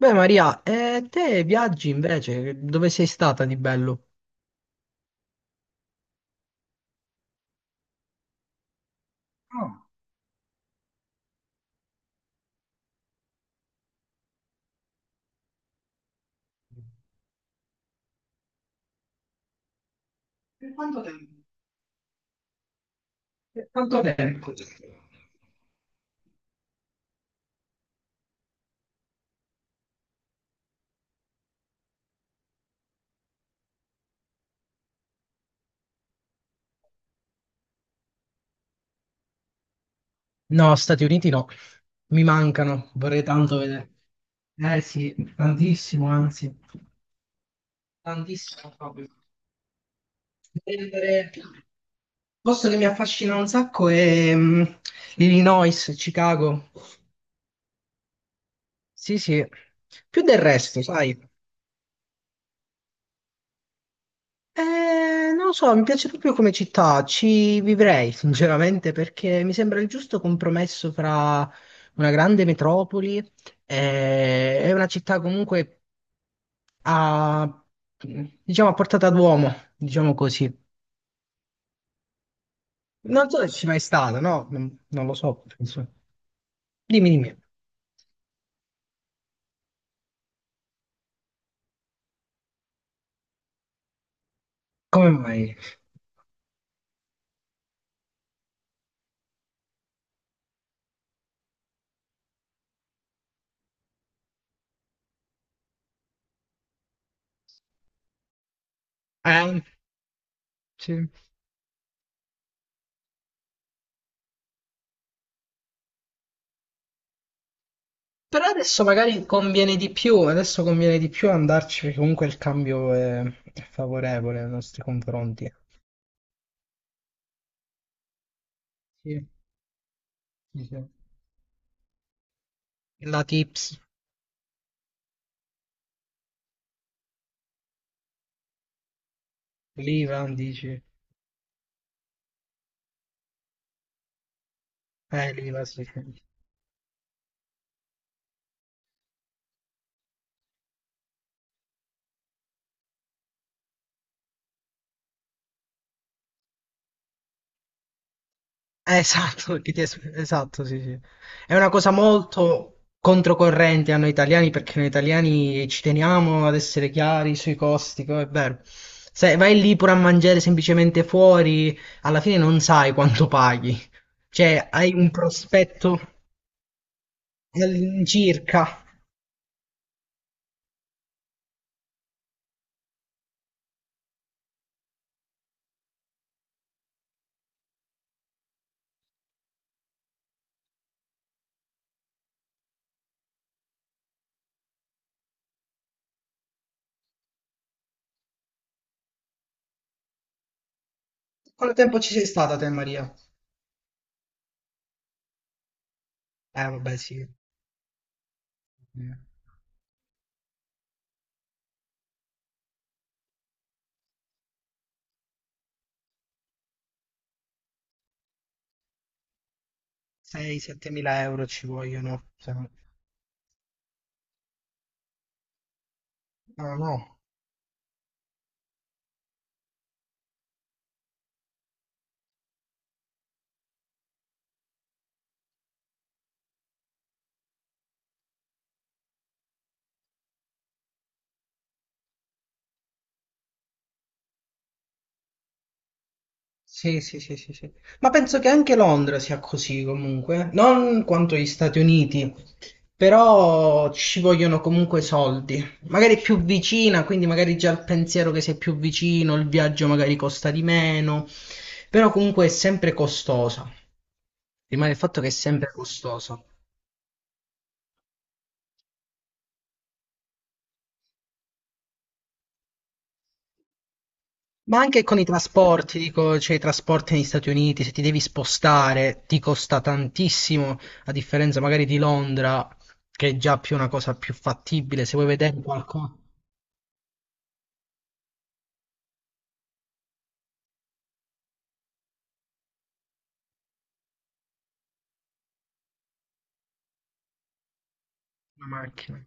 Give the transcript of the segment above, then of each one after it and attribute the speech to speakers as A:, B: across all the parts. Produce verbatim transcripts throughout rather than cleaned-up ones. A: Beh, Maria, e te viaggi invece? Dove sei stata di bello? Ah, per quanto tempo? Per quanto tempo? No, Stati Uniti no, mi mancano, vorrei tanto vedere. Eh sì, tantissimo, anzi, tantissimo proprio. Prendere- Posto che mi affascina un sacco è mm, Illinois, Chicago. Sì, sì, più del resto, sai. Eh, non lo so, mi piace proprio come città, ci vivrei sinceramente perché mi sembra il giusto compromesso fra una grande metropoli e e una città comunque a, diciamo, a portata d'uomo, diciamo così. Non so se ci mai stato, no? Non, non lo so, penso. Dimmi, dimmi, come mai? Eh, sì. Però adesso magari conviene di più, adesso conviene di più andarci perché comunque il cambio è, è favorevole nei nostri confronti. Sì, sì, sì. La tips, l'IVA, dici. Eh, l'IVA, sì, sì. Eh, Esatto, che ti es- esatto, sì, sì. È una cosa molto controcorrente a noi italiani perché noi italiani ci teniamo ad essere chiari sui costi, co- è vero. Se vai lì pure a mangiare semplicemente fuori, alla fine non sai quanto paghi. Cioè, hai un prospetto all'incirca. Quanto tempo ci sei stata te, Maria? Eh, vabbè, sì. Eh. sei-sette euro ci vogliono. Se no- No, no. Sì, sì, sì, sì, sì. Ma penso che anche Londra sia così comunque. Non quanto gli Stati Uniti, però ci vogliono comunque soldi. Magari più vicina, quindi magari già il pensiero che sei più vicino, il viaggio magari costa di meno, però comunque è sempre costosa. Rimane il fatto che è sempre costosa. Ma anche con i trasporti, dico, cioè i trasporti negli Stati Uniti, se ti devi spostare, ti costa tantissimo, a differenza magari di Londra, che è già più una cosa più fattibile, se vuoi vedere qualcosa, una macchina.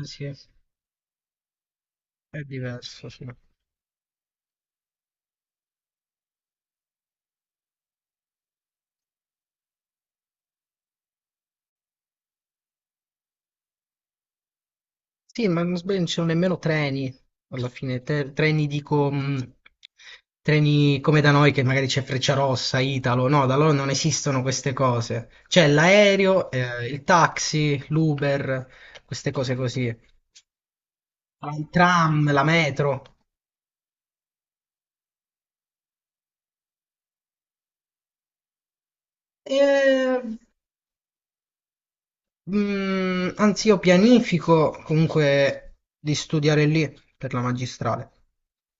A: Eh sì, è diverso, sì. Sì, ma non sbaglio, non ci sono nemmeno treni, alla fine, te- treni dico, mh, treni come da noi che magari c'è Frecciarossa, Italo, no, da loro non esistono queste cose. C'è l'aereo, eh, il taxi, l'Uber, queste cose così. Ma il tram, la metro. E, mm, anzi, io pianifico comunque di studiare lì per la magistrale.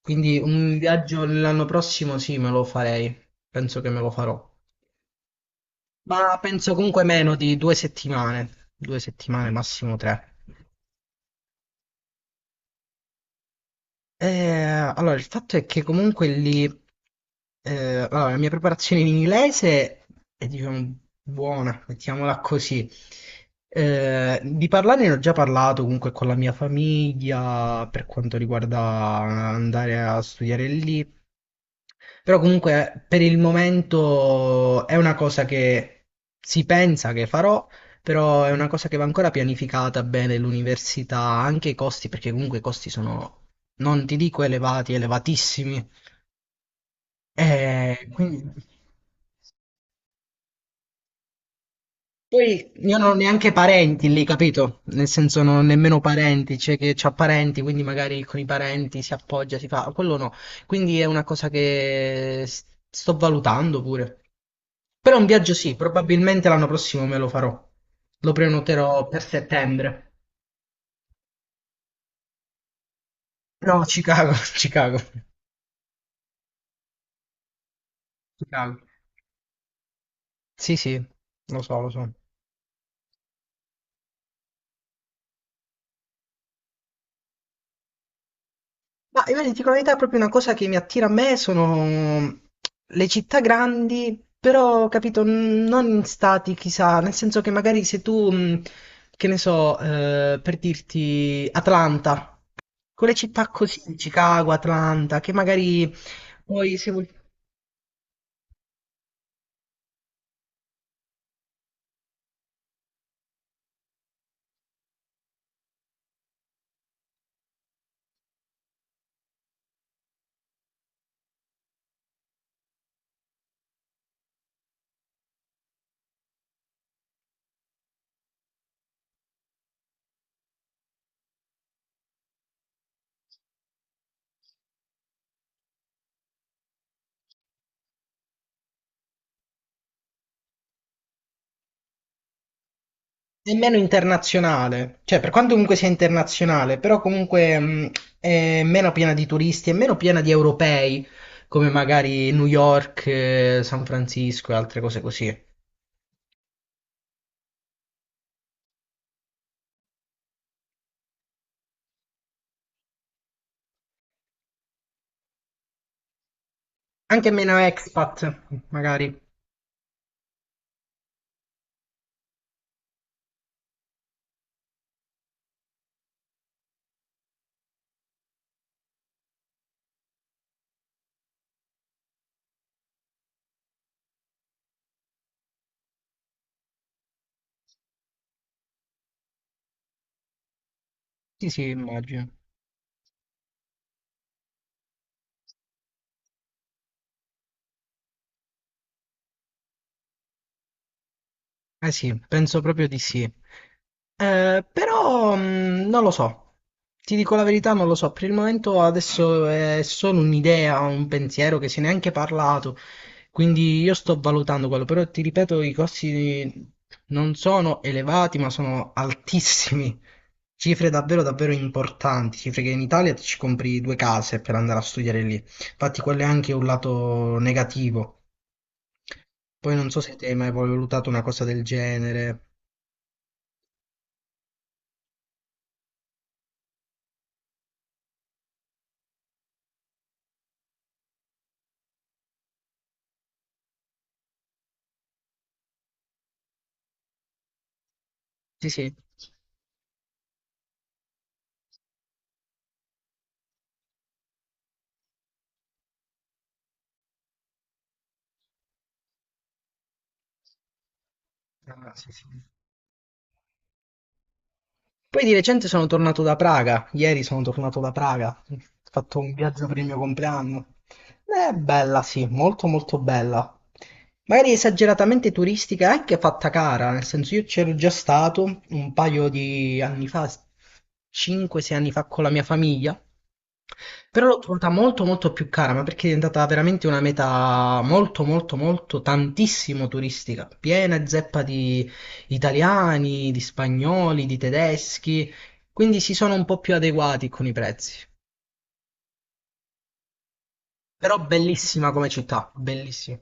A: Quindi un viaggio l'anno prossimo sì, me lo farei. Penso che me lo farò. Ma penso comunque meno di due settimane. Due settimane, massimo tre. Eh, allora, il fatto è che comunque lì, eh, allora, la mia preparazione in inglese è, diciamo, buona, mettiamola così. Eh, di parlare ne ho già parlato comunque con la mia famiglia per quanto riguarda andare a studiare lì, però comunque per il momento è una cosa che si pensa che farò. Però è una cosa che va ancora pianificata bene l'università, anche i costi, perché comunque i costi sono non ti dico elevati, elevatissimi. Eh, quindi... Poi, io non ho neanche parenti lì, capito? Nel senso non ho nemmeno parenti, c'è chi ha parenti, quindi magari con i parenti si appoggia, si fa, quello no. Quindi è una cosa che s- sto valutando pure. Però un viaggio sì, probabilmente l'anno prossimo me lo farò. Lo prenoterò per settembre. No, Chicago, Chicago, Chicago. Sì, sì, lo so, lo so. Ma io ti dico la verità, proprio una cosa che mi attira a me sono le città grandi, però, capito, n- non in stati, chissà, nel senso che magari se tu, mh, che ne so, eh, per dirti Atlanta, quelle città così, Chicago, Atlanta, che magari poi se vuoi. È meno internazionale, cioè per quanto comunque sia internazionale, però comunque mh, è meno piena di turisti, è meno piena di europei, come magari New York, eh, San Francisco e altre cose così. Anche meno expat, magari. Sì, sì, immagino. Eh sì, penso proprio di sì. Eh, però mh, non lo so, ti dico la verità, non lo so. Per il momento adesso è solo un'idea, un pensiero che se ne è anche parlato, quindi io sto valutando quello, però ti ripeto, i costi non sono elevati, ma sono altissimi. Cifre davvero, davvero importanti, cifre che in Italia ti ci compri due case per andare a studiare lì. Infatti quello è anche un lato negativo. Poi non so se te hai mai valutato una cosa del genere. Sì, sì. Ah, sì, sì. Poi di recente sono tornato da Praga, ieri sono tornato da Praga, ho fatto un viaggio per il mio compleanno. È bella, sì, molto molto bella. Magari esageratamente turistica, è anche fatta cara, nel senso io c'ero già stato un paio di anni fa, cinque sei anni fa con la mia famiglia, però l'ho trovata molto molto più cara, ma perché è diventata veramente una meta molto molto molto tantissimo turistica, piena e zeppa di di italiani, di spagnoli, di tedeschi, quindi si sono un po' più adeguati con i prezzi. Però bellissima come città, bellissima.